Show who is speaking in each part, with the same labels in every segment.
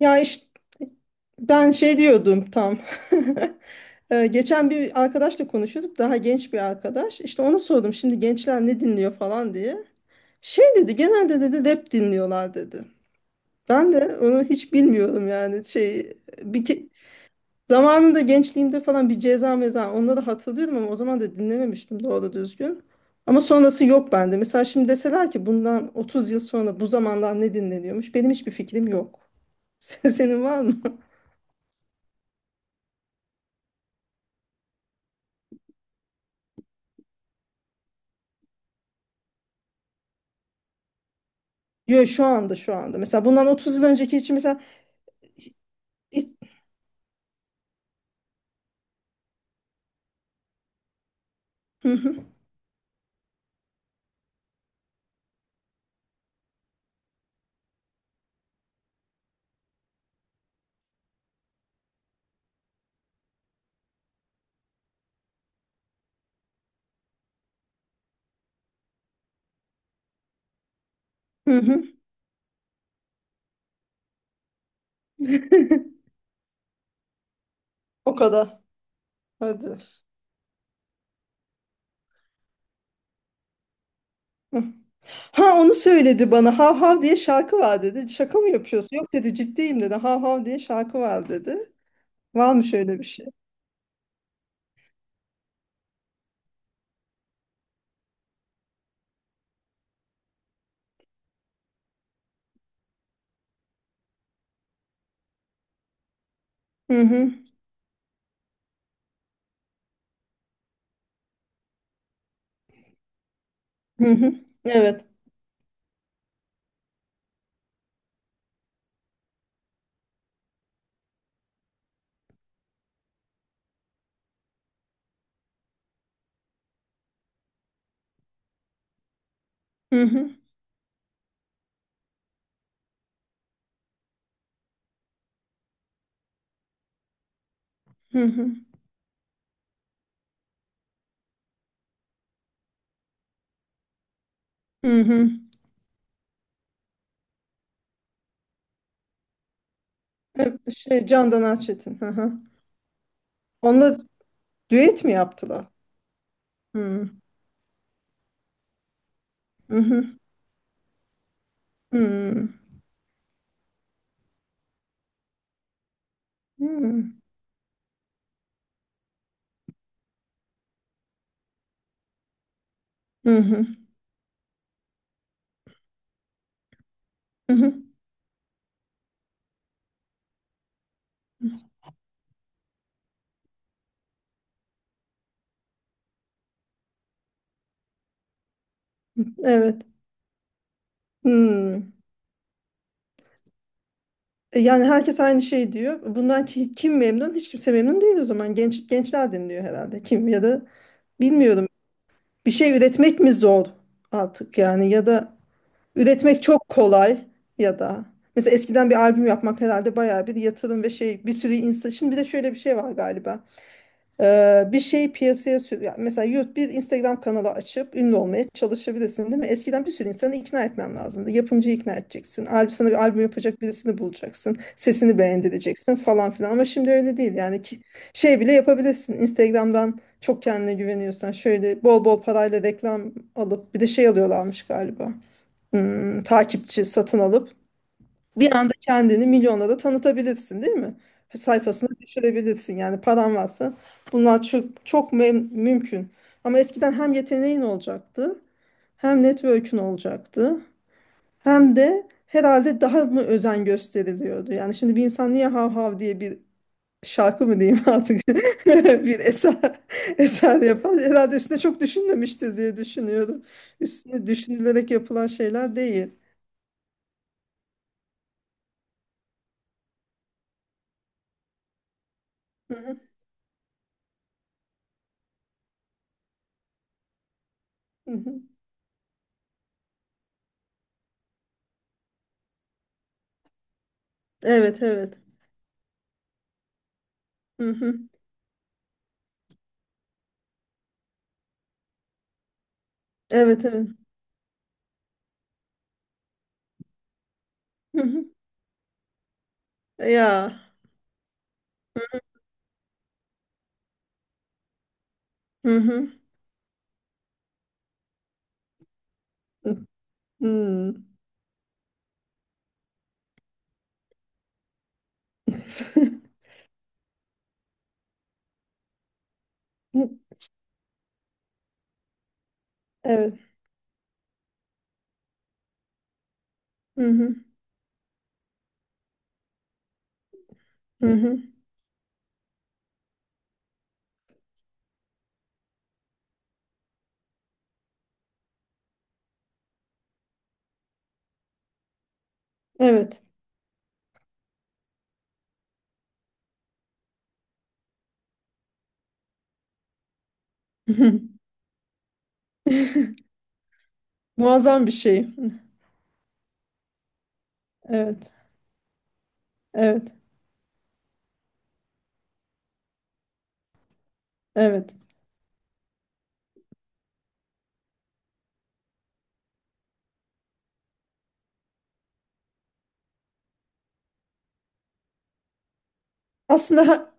Speaker 1: Ya işte ben şey diyordum tam. Geçen bir arkadaşla konuşuyorduk. Daha genç bir arkadaş. İşte ona sordum şimdi gençler ne dinliyor falan diye. Şey dedi genelde dedi rap dinliyorlar dedi. Ben de onu hiç bilmiyorum yani şey bir ke- zamanında gençliğimde falan bir ceza meza onları hatırlıyorum ama o zaman da dinlememiştim doğru düzgün. Ama sonrası yok bende. Mesela şimdi deseler ki bundan 30 yıl sonra bu zamandan ne dinleniyormuş? Benim hiçbir fikrim yok. Senin var mı? Yo, şu anda şu anda. Mesela bundan 30 yıl önceki için mesela İ- hı hı, hı hı. O kadar. Hadi. Hı. Ha onu söyledi bana. Hav hav diye şarkı var dedi. Şaka mı yapıyorsun? Yok dedi ciddiyim dedi. Hav hav diye şarkı var dedi. Var mı şöyle bir şey? Hı hı. Hı hı. Evet. Hı hı. Hı hı. Hı hı. Evet, şey Candan Erçetin. Hı hı. Onunla düet mi yaptılar? Hı hı. Hı hı. Hı hı. Hı hı. Hı hı. Evet. Hı. Yani herkes aynı şey diyor. Kim memnun? Hiç kimse memnun değil o zaman. Gençler dinliyor herhalde. Kim ya da bilmiyorum. Bir şey üretmek mi zor artık yani ya da üretmek çok kolay ya da mesela eskiden bir albüm yapmak herhalde bayağı bir yatırım ve şey bir sürü insan. Şimdi bir de şöyle bir şey var galiba. Bir şeyi piyasaya sür ya mesela YouTube bir Instagram kanalı açıp ünlü olmaya çalışabilirsin değil mi? Eskiden bir sürü insanı ikna etmem lazımdı. Yapımcıyı ikna edeceksin. Albüm sana bir albüm yapacak birisini bulacaksın. Sesini beğendireceksin falan filan. Ama şimdi öyle değil yani ki şey bile yapabilirsin. Instagram'dan çok kendine güveniyorsan şöyle bol bol parayla reklam alıp bir de şey alıyorlarmış galiba. Takipçi satın alıp bir anda kendini milyonlara tanıtabilirsin, değil mi? Sayfasına düşürebilirsin. Yani paran varsa bunlar çok, mümkün. Ama eskiden hem yeteneğin olacaktı, hem network'ün olacaktı, hem de herhalde daha mı özen gösteriliyordu. Yani şimdi bir insan niye hav hav diye bir şarkı mı diyeyim artık bir eser yapar. Herhalde üstüne çok düşünmemiştir diye düşünüyorum. Üstüne düşünülerek yapılan şeyler değil. Hı hı, hı hı. Evet, evet. Hı hı. Evet, evet. Hı hı. Ya. Hı hı. Hı. Hı. Evet. Hı hı. Hı hı. Evet. Hı hı. Muazzam bir şey. Evet. Evet. Evet. Aslında ha-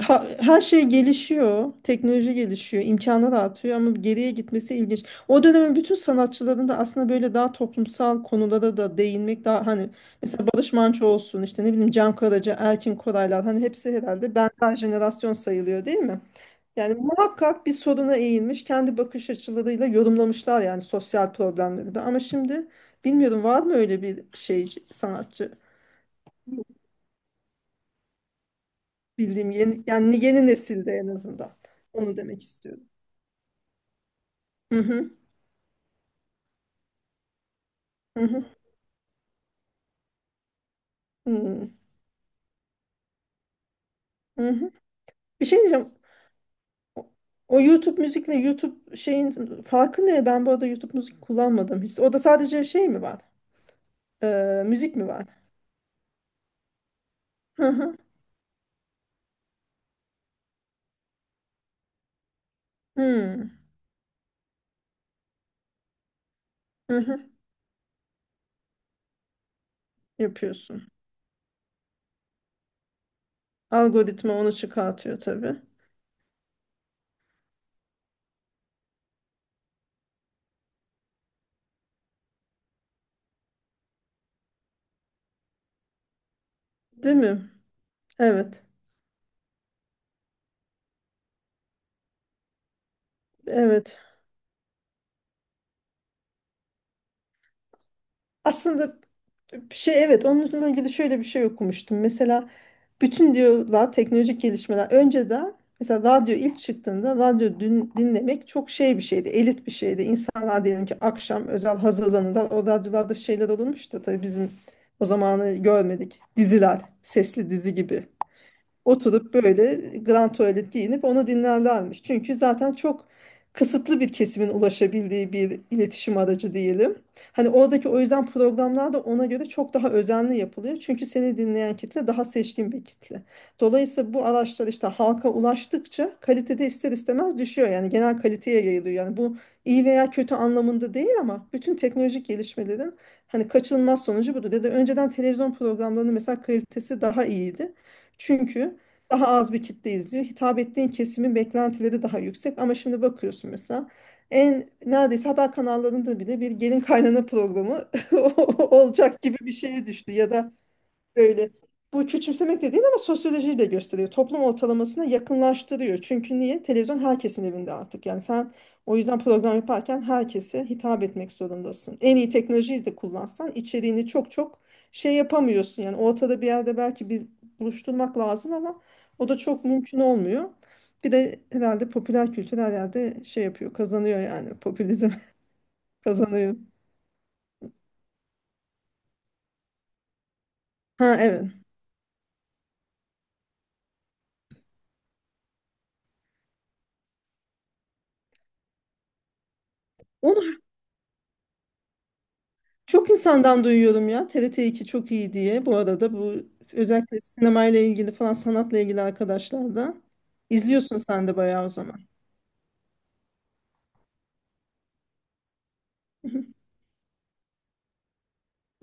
Speaker 1: ha- Her şey gelişiyor, teknoloji gelişiyor, imkanlar artıyor ama geriye gitmesi ilginç. O dönemin bütün sanatçıların da aslında böyle daha toplumsal konulara da değinmek daha hani mesela Barış Manço olsun işte ne bileyim Can Karaca, Erkin Koraylar hani hepsi herhalde benzer jenerasyon sayılıyor değil mi? Yani muhakkak bir soruna eğilmiş, kendi bakış açılarıyla yorumlamışlar yani sosyal problemleri de. Ama şimdi bilmiyorum var mı öyle bir şey sanatçı bildiğim yeni yani yeni nesilde en azından. Onu demek istiyorum. Hı hı, hı hı, hı hı. Bir şey diyeceğim. O o YouTube müzikle YouTube şeyin farkı ne? Ben bu arada YouTube müzik kullanmadım hiç. O da sadece şey mi var? Müzik mi var? Hı hı, hı hı. Hı. Yapıyorsun. Algoritma onu çıkartıyor tabii. Değil mi? Evet. Evet. Aslında bir şey evet onunla ilgili şöyle bir şey okumuştum. Mesela bütün diyorlar teknolojik gelişmeler. Önceden mesela radyo ilk çıktığında radyo dün, dinlemek çok şey bir şeydi. Elit bir şeydi. İnsanlar diyelim ki akşam özel hazırlanırlar. O radyolarda şeyler olurmuş da tabii bizim o zamanı görmedik. Diziler, sesli dizi gibi. Oturup böyle grand tuvalet giyinip onu dinlerlermiş. Çünkü zaten çok kısıtlı bir kesimin ulaşabildiği bir iletişim aracı diyelim. Hani oradaki o yüzden programlar da ona göre çok daha özenli yapılıyor. Çünkü seni dinleyen kitle daha seçkin bir kitle. Dolayısıyla bu araçlar işte halka ulaştıkça kalitede ister istemez düşüyor. Yani genel kaliteye yayılıyor. Yani bu iyi veya kötü anlamında değil ama bütün teknolojik gelişmelerin hani kaçınılmaz sonucu budur. Dedi önceden televizyon programlarının mesela kalitesi daha iyiydi. Çünkü daha az bir kitle izliyor. Hitap ettiğin kesimin beklentileri daha yüksek. Ama şimdi bakıyorsun mesela en neredeyse haber kanallarında bile bir gelin kaynana programı olacak gibi bir şeye düştü ya da böyle. Bu küçümsemek de değil ama sosyolojiyi de gösteriyor. Toplum ortalamasına yakınlaştırıyor. Çünkü niye? Televizyon herkesin evinde artık. Yani sen o yüzden program yaparken herkese hitap etmek zorundasın. En iyi teknolojiyi de kullansan içeriğini çok, çok şey yapamıyorsun. Yani ortada bir yerde belki bir buluşturmak lazım ama o da çok mümkün olmuyor. Bir de herhalde popüler kültür her yerde şey yapıyor, kazanıyor yani. Popülizm kazanıyor. Ha evet. Onu çok insandan duyuyorum ya TRT2 çok iyi diye. Bu arada bu özellikle sinemayla ilgili falan sanatla ilgili arkadaşlar da izliyorsun sen de bayağı o zaman.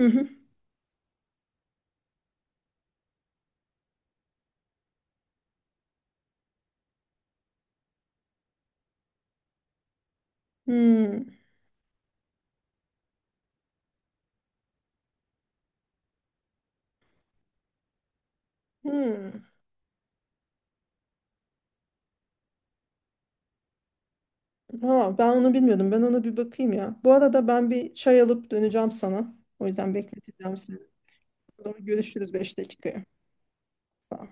Speaker 1: Hı hı. Hmm. Hmm. Ha, ben onu bilmiyordum. Ben ona bir bakayım ya. Bu arada ben bir çay alıp döneceğim sana. O yüzden bekleteceğim sizi. O zaman görüşürüz 5 dakikaya. Sağ ol.